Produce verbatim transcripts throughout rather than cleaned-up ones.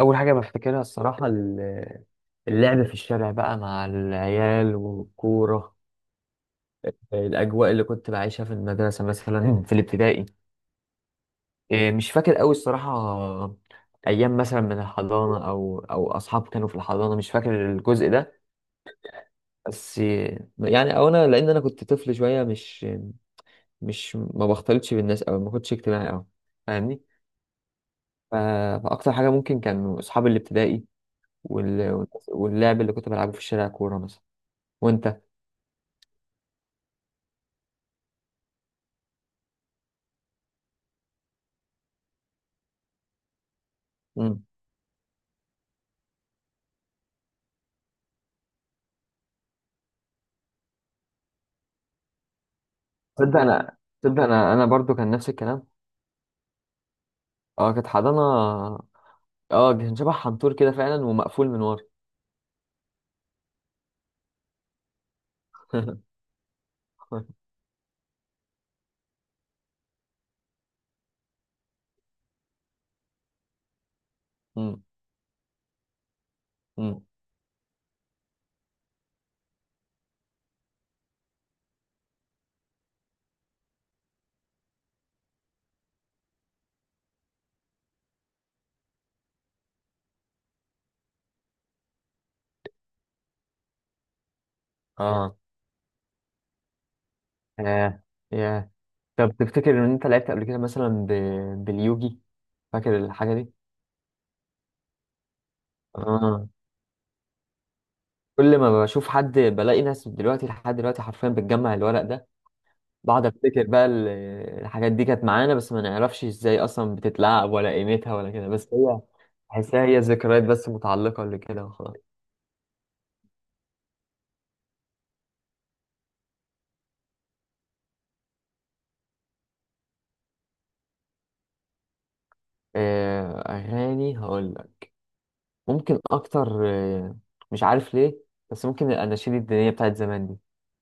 اول حاجه بفتكرها الصراحه ال- اللعب في الشارع بقى مع العيال والكوره. الاجواء اللي كنت بعيشها في المدرسه مثلا في الابتدائي. إيه، مش فاكر قوي الصراحه. ايام مثلا من الحضانه او او اصحاب كانوا في الحضانه، مش فاكر الجزء ده. بس يعني او انا، لان انا كنت طفل شويه، مش مش ما بختلطش بالناس او ما كنتش اجتماعي قوي، فاهمني. ف- فاكتر حاجه ممكن كانوا اصحاب الابتدائي وال- واللعب اللي كنت بلعبه في الشارع، كوره مثلا. وانت؟ مم. تصدق انا، تصدق انا انا برضو كان نفس الكلام. اه كانت حضانه. اه كان شبه حنطور كده فعلا ومقفول من ورا. مم. مم. اه. ياه. ياه. طب تفتكر ان انت لعبت قبل كده مثلا ب... باليوجي؟ فاكر الحاجه دي؟ اه. كل ما بشوف حد بلاقي ناس دلوقتي لحد دلوقتي حرفيا بتجمع الورق ده، بقعد افتكر بقى ال- الحاجات دي كانت معانا، بس ما نعرفش ازاي اصلا بتتلعب ولا قيمتها ولا كده، بس هي بحسها هي ذكريات بس متعلقه لكده وخلاص. آه، أغاني هقول لك، ممكن أكتر. آه، مش عارف ليه، بس ممكن الأناشيد الدينية بتاعت زمان دي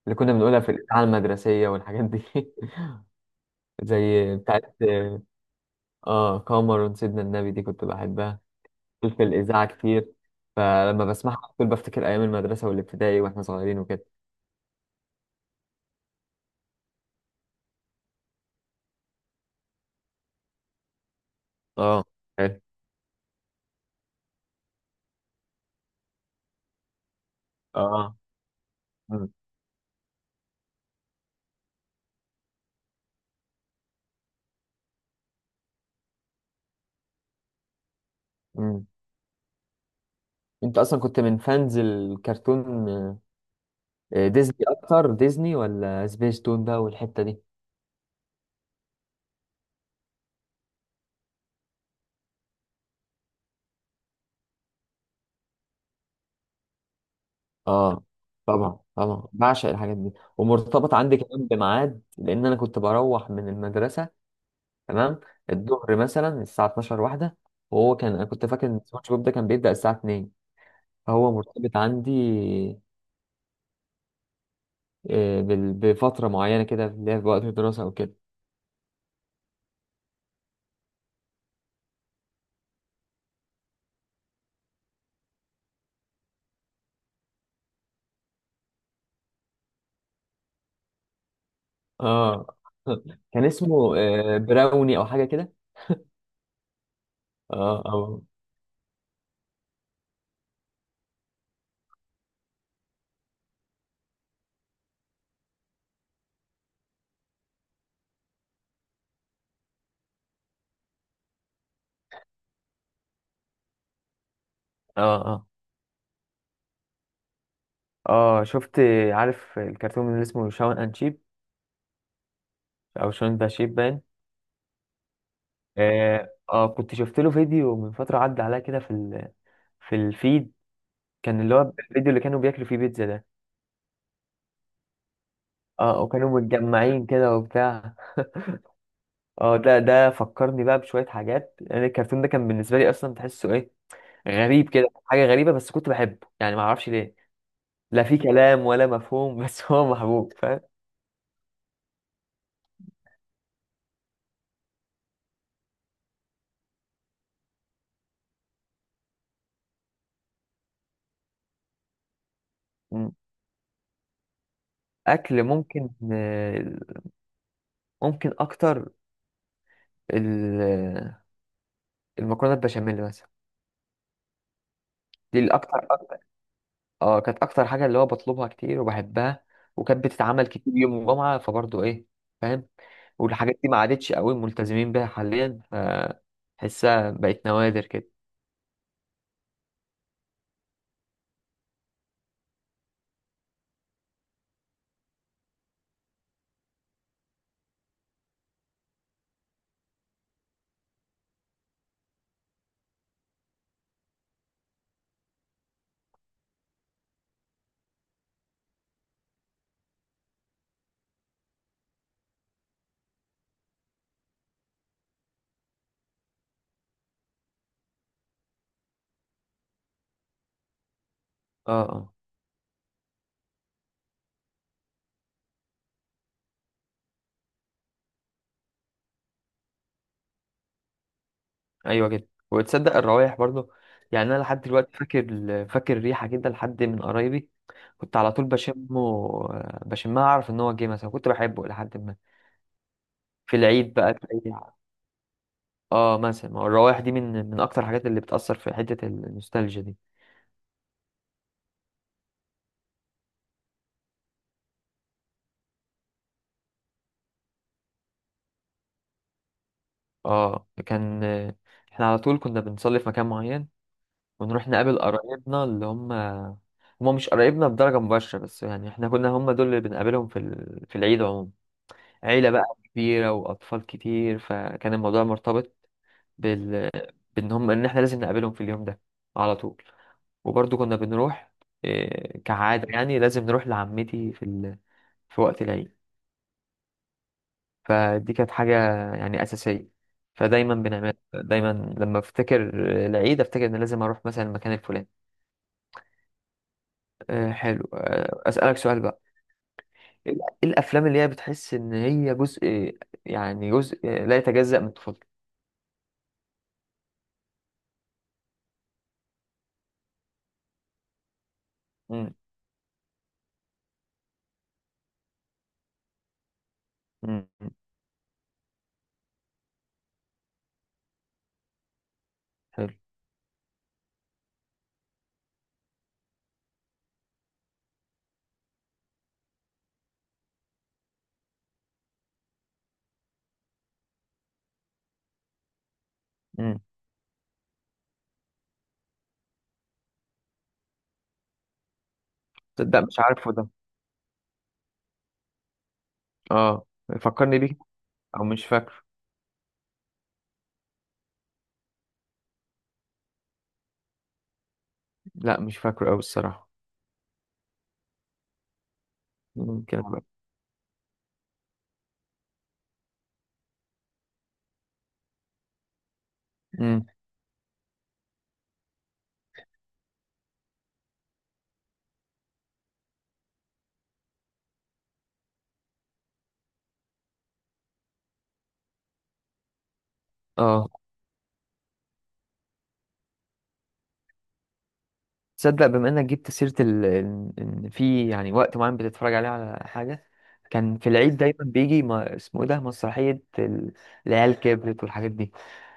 اللي كنا بنقولها في الإذاعة المدرسية والحاجات دي. زي بتاعت آه. آه، قمر سيدنا النبي دي كنت بحبها، كنت في الإذاعة كتير، فلما بسمعها على طول بفتكر أيام المدرسة والابتدائي وإحنا صغيرين وكده. اه. حلو. اه. مم. مم. أنت أصلا كنت من فانز الكرتون؟ آه، آه، ديزني أكتر، ديزني ولا سبيس تون بقى والحتة دي؟ اه. طبعا، طبعا بعشق الحاجات دي، ومرتبط عندي كمان بميعاد لان انا كنت بروح من المدرسه. تمام. الظهر مثلا الساعه اتناشر واحده، وهو كان انا كنت فاكر ان سبونج بوب ده كان بيبدا الساعه اتنين. فهو مرتبط عندي آه، بال- بفتره معينه كده اللي هي في وقت الدراسه او كده. اه. كان اسمه آه، براوني او حاجه كده. اه. اه. اه. اه. اه شفت، عارف الكرتون اللي اسمه شاون اند شيب او شاون ذا شيب؟ اه، آه، كنت شفت له فيديو من فترة عدى عليا كده في ال... في الفيد. كان اللي هو الفيديو اللي كانوا بياكلوا فيه بيتزا ده. اه، آه، وكانوا متجمعين كده وبتاع. اه، ده ده فكرني بقى بشوية حاجات. يعني الكرتون ده كان بالنسبة لي أصلا، تحسه إيه، غريب كده، حاجة غريبة، بس كنت بحبه يعني، ما أعرفش ليه. لا في كلام ولا مفهوم، بس هو محبوب، فاهم. مم. أكل ممكن آه، ممكن أكتر ال- المكرونة البشاميل مثلا. دي الأكتر. اه، كانت اكتر حاجه اللي هو بطلبها كتير وبحبها، وكانت بتتعمل كتير يوم الجمعه، فبرضه ايه. فاهم. والحاجات دي ما عادتش قوي ملتزمين بيها حاليا، فحسها بقت نوادر كده. اه. اه. ايوه كده. وتصدق الروايح برضه؟ يعني انا لحد دلوقتي فاكر ال- فاكر ريحه كده لحد من قرايبي، كنت على طول بشمه، آه، بشمها اعرف ان هو جه مثلا، كنت بحبه لحد ما في العيد بقى تلاقي-. اه مثلا، ما هو الروايح دي من من اكتر الحاجات اللي بتاثر في حته النوستالجيا دي. اه، كان احنا على طول كنا بنصلي في مكان معين، ونروح نقابل قرايبنا اللي هم، هم مش قرايبنا بدرجة مباشرة، بس يعني احنا كنا هم دول اللي بنقابلهم في ال... في العيد عموما. عيلة بقى كبيرة وأطفال كتير، فكان الموضوع مرتبط بال، بإن هم إن احنا لازم نقابلهم في اليوم ده على طول. وبرضه كنا بنروح، إيه، كعادة، يعني لازم نروح لعمتي في ال... في وقت العيد. فدي كانت حاجة يعني أساسية، فدايما بنعمل، دايما لما افتكر العيد افتكر ان لازم اروح مثلا المكان الفلاني. أه حلو، أه اسألك سؤال بقى. ايه الافلام اللي هي بتحس ان هي جزء، يعني جزء لا يتجزأ من طفولتك؟ مم، مم، مم، حلو. مم. تصدق مش عارفه ده. اه، فكرني بيه، او مش فاكره، لا مش فاكره قوي الصراحة. ممكن أبقى-. مم. اه، تصدق بما انك جبت سيرة ال... ان إن في يعني وقت معين بتتفرج عليه على حاجة؟ كان في العيد دايما بيجي ما اسمه ايه ده، مسرحية ال- العيال كبرت والحاجات دي.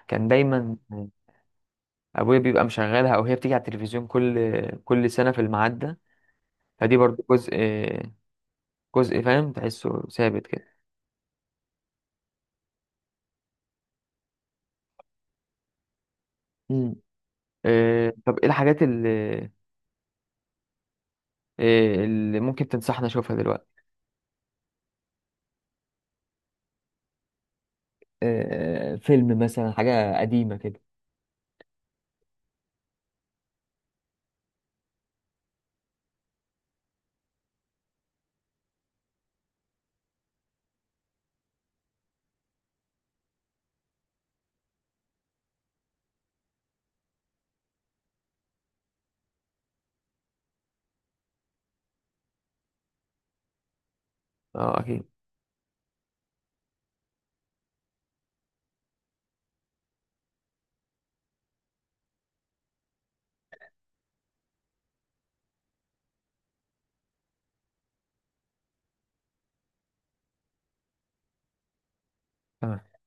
كان دايما ابويا بيبقى مشغلها او هي بتيجي على التلفزيون، كل كل سنة في الميعاد ده. فدي برضو جزء، جزء فاهم، تحسه ثابت كده. مم. آه، طب ايه الحاجات اللي، آه، اللي ممكن تنصحنا اشوفها دلوقتي؟ آه، فيلم مثلا حاجة قديمة كده. اه اكيد. تمام.